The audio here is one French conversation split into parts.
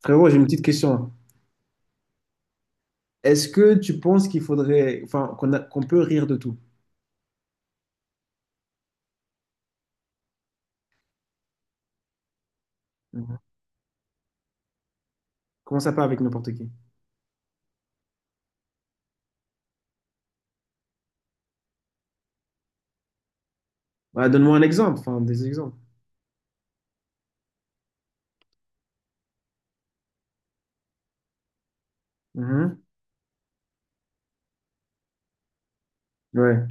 Frérot, j'ai une petite question. Est-ce que tu penses qu'il faudrait, enfin, qu'on peut rire de tout? Mhm. Comment ça pas avec n'importe qui? Bah, donne-moi un exemple, enfin, des exemples. Mhm. Ouais,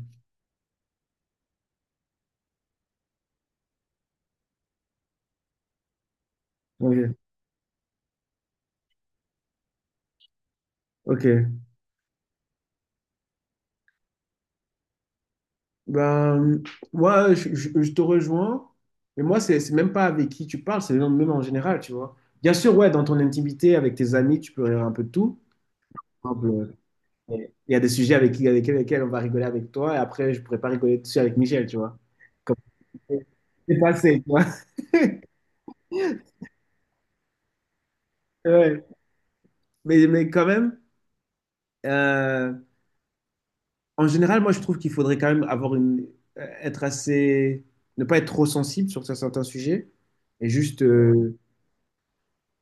ok. Ok. Ben, moi, je te rejoins, mais moi, c'est même pas avec qui tu parles, c'est même en général, tu vois. Bien sûr, ouais, dans ton intimité, avec tes amis, tu peux rire un peu de tout. Par exemple, il y a des sujets avec lesquels on va rigoler avec toi, et après, je pourrais pas rigoler dessus avec Michel, tu vois. Comme c'est passé, tu vois. Mais quand même, euh, en général, moi, je trouve qu'il faudrait quand même avoir être assez, ne pas être trop sensible sur certains sujets et juste,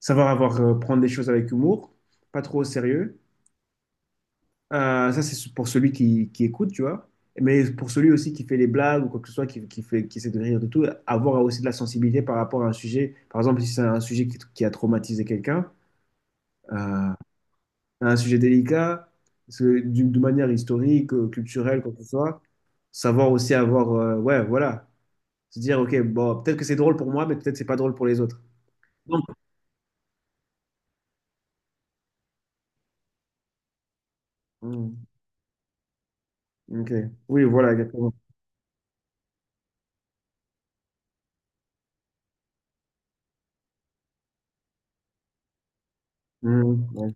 savoir, prendre des choses avec humour, pas trop au sérieux. Ça, c'est pour celui qui écoute, tu vois. Mais pour celui aussi qui fait les blagues ou quoi que ce soit, qui essaie de rire de tout, avoir aussi de la sensibilité par rapport à un sujet. Par exemple, si c'est un sujet qui a traumatisé quelqu'un, euh, un sujet délicat, parce que d'une de manière historique, culturelle, quoi que ce soit. Savoir aussi, ouais, voilà, se dire, ok, bon, peut-être que c'est drôle pour moi, mais peut-être que c'est pas drôle pour les autres. Non. Mm, ok. Oui, voilà, exactement. Mm, ouais.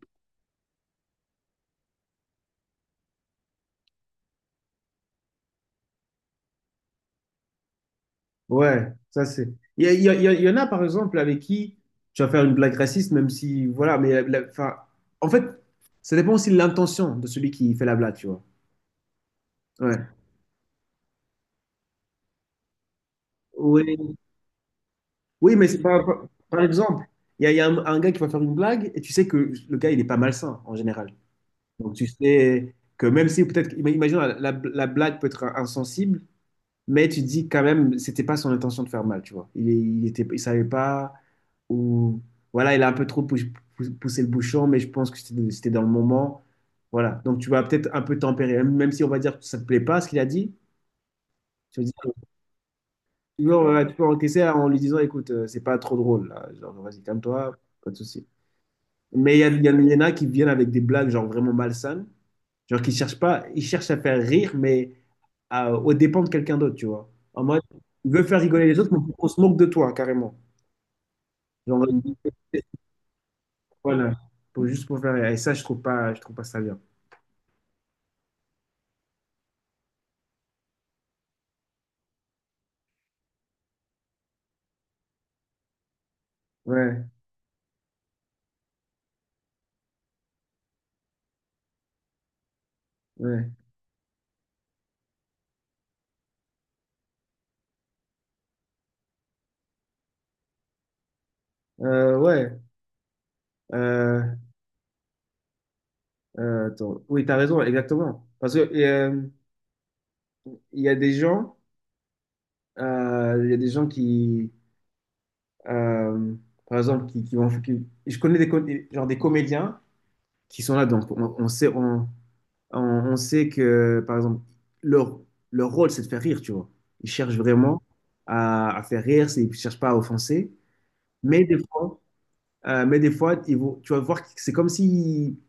Ouais, ça c'est. Il y en a, par exemple, avec qui tu vas faire une blague raciste, même si, voilà, mais enfin, en fait, ça dépend aussi de l'intention de celui qui fait la blague, tu vois. Ouais. Oui, oui, mais c'est pas, par exemple, il y a un gars qui va faire une blague et tu sais que le gars, il est pas malsain en général. Donc tu sais que même si peut-être, imagine, la blague peut être insensible, mais tu te dis quand même, c'était pas son intention de faire mal, tu vois. Il savait pas, ou voilà, il a un peu trop poussé le bouchon, mais je pense que c'était dans le moment. Voilà. Donc tu vas peut-être un peu tempérer, même si on va dire que ça te plaît pas ce qu'il a dit, tu vas dire, non, ouais, tu peux encaisser en lui disant, écoute, c'est pas trop drôle, là. Genre, vas-y, calme-toi, pas de souci. Mais il y en a qui viennent avec des blagues, genre, vraiment malsaines. Genre, qui cherchent pas, ils cherchent à faire rire, mais au dépens de quelqu'un d'autre, tu vois. En mode, ils veulent faire rigoler les autres, mais on se moque de toi, carrément. Genre, voilà. Juste pour faire rire. Et ça, je trouve pas ça bien. Ouais, ouais. Ouais. Euh, Attends. Oui, t'as raison, exactement. Parce que, il y a des gens, il y a des gens qui, euh, par exemple, je connais genre des comédiens qui sont là, donc on- on sait que, par exemple, leur, leur rôle, c'est de faire rire, tu vois. Ils cherchent vraiment à faire rire, ils ne cherchent pas à offenser. Mais des fois, mais des fois ils vont, tu vas voir que c'est comme si,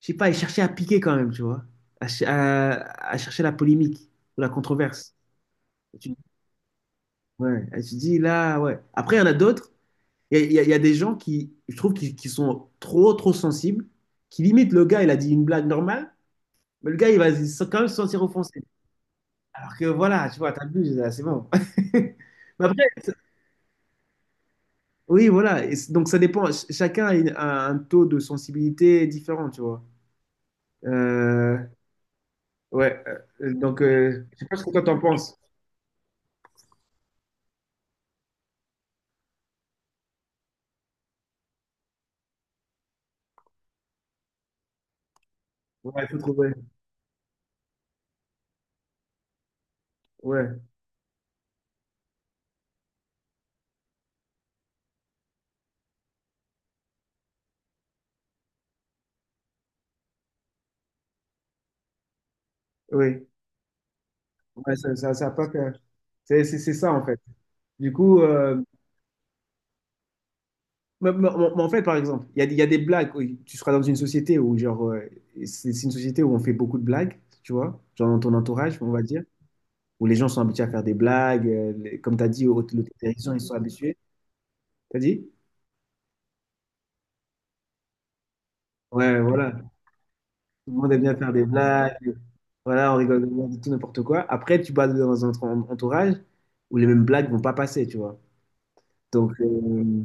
je sais pas, ils cherchaient à piquer quand même, tu vois, à, ch- à- à chercher la polémique ou la controverse. Et tu, ouais, et tu dis là, ouais. Après, il y en a d'autres. Il y a des gens qui, je trouve, qui sont trop, trop sensibles, qui limite le gars, il a dit une blague normale, mais le gars, il va quand même se sentir offensé. Alors que voilà, tu vois, t'as vu, là, c'est bon. Mais après, oui, voilà. Et donc ça dépend. Chacun a un taux de sensibilité différent, tu vois. Euh, ouais. Donc, je sais pas ce que toi t'en penses. Ouais, faut trouver. Ouais, oui. Ouais, ça a pas que- C'est ça, en fait. Du coup. Mais en fait, par exemple, il y a des blagues où tu seras dans une société où, genre, c'est une société où on fait beaucoup de blagues, tu vois, genre dans ton entourage, on va dire, où les gens sont habitués à faire des blagues. Comme tu as dit, au télévision, ils sont habitués. T'as dit? Ouais, voilà. Tout le monde aime bien faire des blagues. Voilà, on rigole de tout n'importe quoi. Après, tu vas dans un entourage où les mêmes blagues vont pas passer, tu vois. Donc, euh,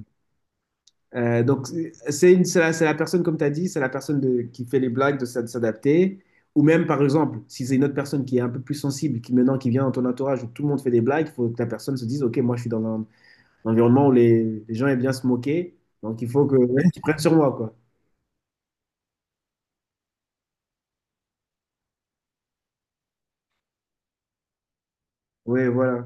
Euh, donc, c'est la personne, comme tu as dit, c'est la personne qui fait les blagues de s'adapter. Ou même, par exemple, si c'est une autre personne qui est un peu plus sensible, qui maintenant qui vient dans ton entourage où tout le monde fait des blagues, il faut que la personne se dise, OK, moi je suis dans un environnement où les gens aiment bien se moquer, donc il faut que tu prennes sur moi, quoi. Oui, voilà.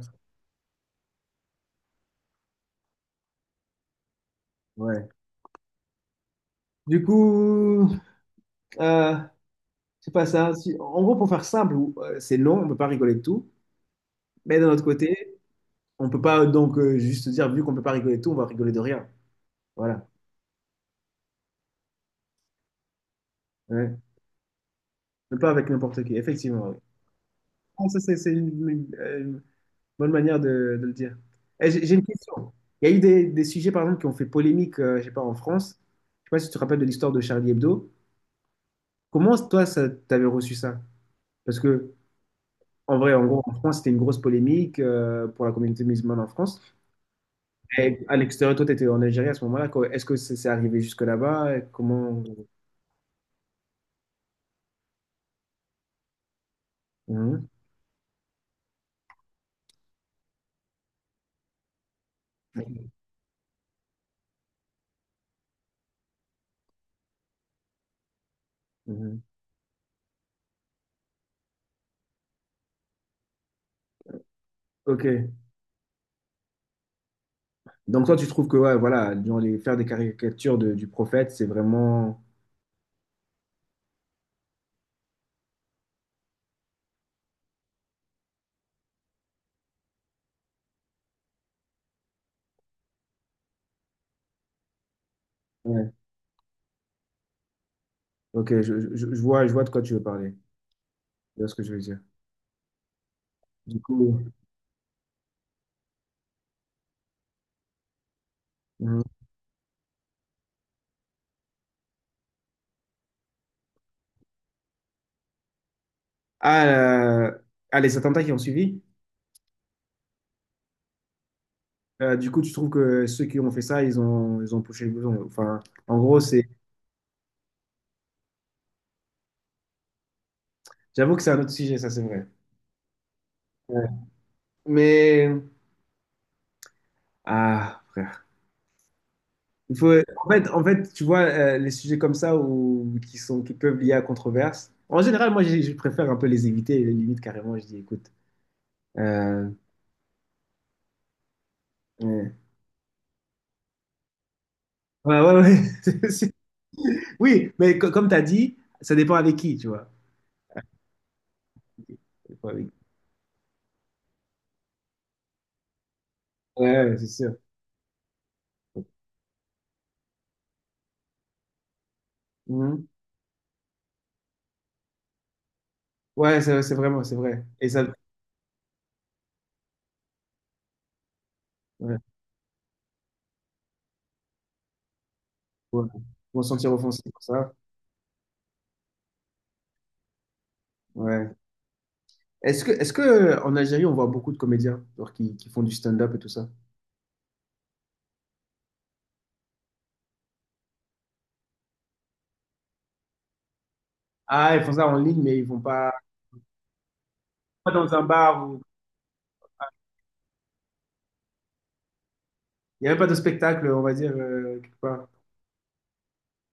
Ouais. Du coup, euh, c'est pas ça. En gros, pour faire simple, c'est long, on ne peut pas rigoler de tout. Mais d'un autre côté, on ne peut pas donc, juste dire, vu qu'on ne peut pas rigoler de tout, on va rigoler de rien. Voilà. Ouais. Mais pas avec n'importe qui, effectivement. Oui. Bon, ça, c'est une bonne manière de le dire. Eh, J'ai une question. Il y a eu des sujets, par exemple, qui ont fait polémique, je sais pas, en France. Je sais pas si tu te rappelles de l'histoire de Charlie Hebdo. Comment, toi, ça, t'avais reçu ça? Parce que, en vrai, en gros, en France, c'était une grosse polémique, pour la communauté musulmane en France. Et à l'extérieur, toi, tu étais en Algérie à ce moment-là, quoi. Est-ce que c'est arrivé jusque là-bas? Et comment… Mhm. Mhm. Ok. Donc toi, tu trouves que ouais, voilà, genre, faire des caricatures du prophète, c'est vraiment Ouais. Ok, je vois de quoi tu veux parler. Je vois ce que je veux dire. Du coup, mhm. Ah, ah, les attentats qui ont suivi, du coup, tu trouves que ceux qui ont fait ça, ils ont poussé le bouton. Enfin, en gros, j'avoue que c'est un autre sujet, ça, c'est vrai. Ouais. Mais, ah, frère. Il faut, en fait, tu vois, les sujets comme ça ou qui sont, qui peuvent lier à controverse, en général, moi, je préfère un peu les éviter, les limites carrément. Je dis, écoute, euh, ouais, ouais, ouais, ouais. Oui, mais comme tu as dit, ça dépend avec qui, tu vois. Ça dépend avec- Ouais, ouais, c'est sûr. Mhm. Ouais, c'est vraiment, c'est vrai. Et ça, ouais, ouais. Ils vont se sentir offensés pour ça. Ouais. Est-ce que en Algérie, on voit beaucoup de comédiens genre, qui font du stand-up et tout ça? Ah, ils font ça en ligne, mais ils vont pas dans un bar ou il n'y a même pas de spectacle, on va dire, quelque part.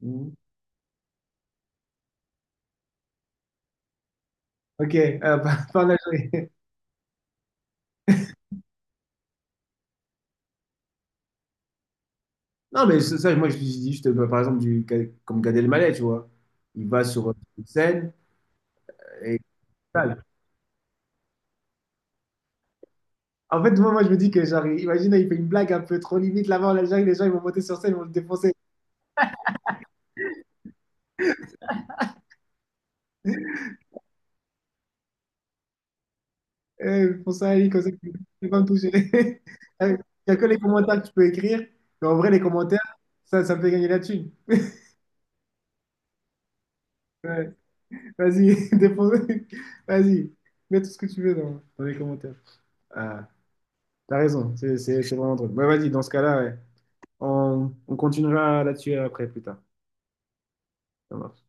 Mhm. Ok, pas en Algérie. Non, mais c'est ça, moi, je dis juste, bah, par exemple, comme Gad Elmaleh, tu vois. Il va sur une scène et… En fait, moi, moi, je me dis que, genre, imagine, il fait une blague un peu trop limite là-bas en Algérie, les gens, ils vont monter sur scène, ils vont le défoncer. Eh, ils font ça, ils, comme ça, ils vont pas me toucher. Il n'y a que les commentaires que tu peux écrire, mais en vrai, les commentaires, ça me fait gagner la thune. Ouais. Vas-y, défonce. Vas-y, mets tout ce que tu veux dans les commentaires. Ah, t'as raison, c'est vraiment drôle. Ouais, vas-y, dans ce cas-là, ouais. On continuera là-dessus après, plus tard. Ça marche.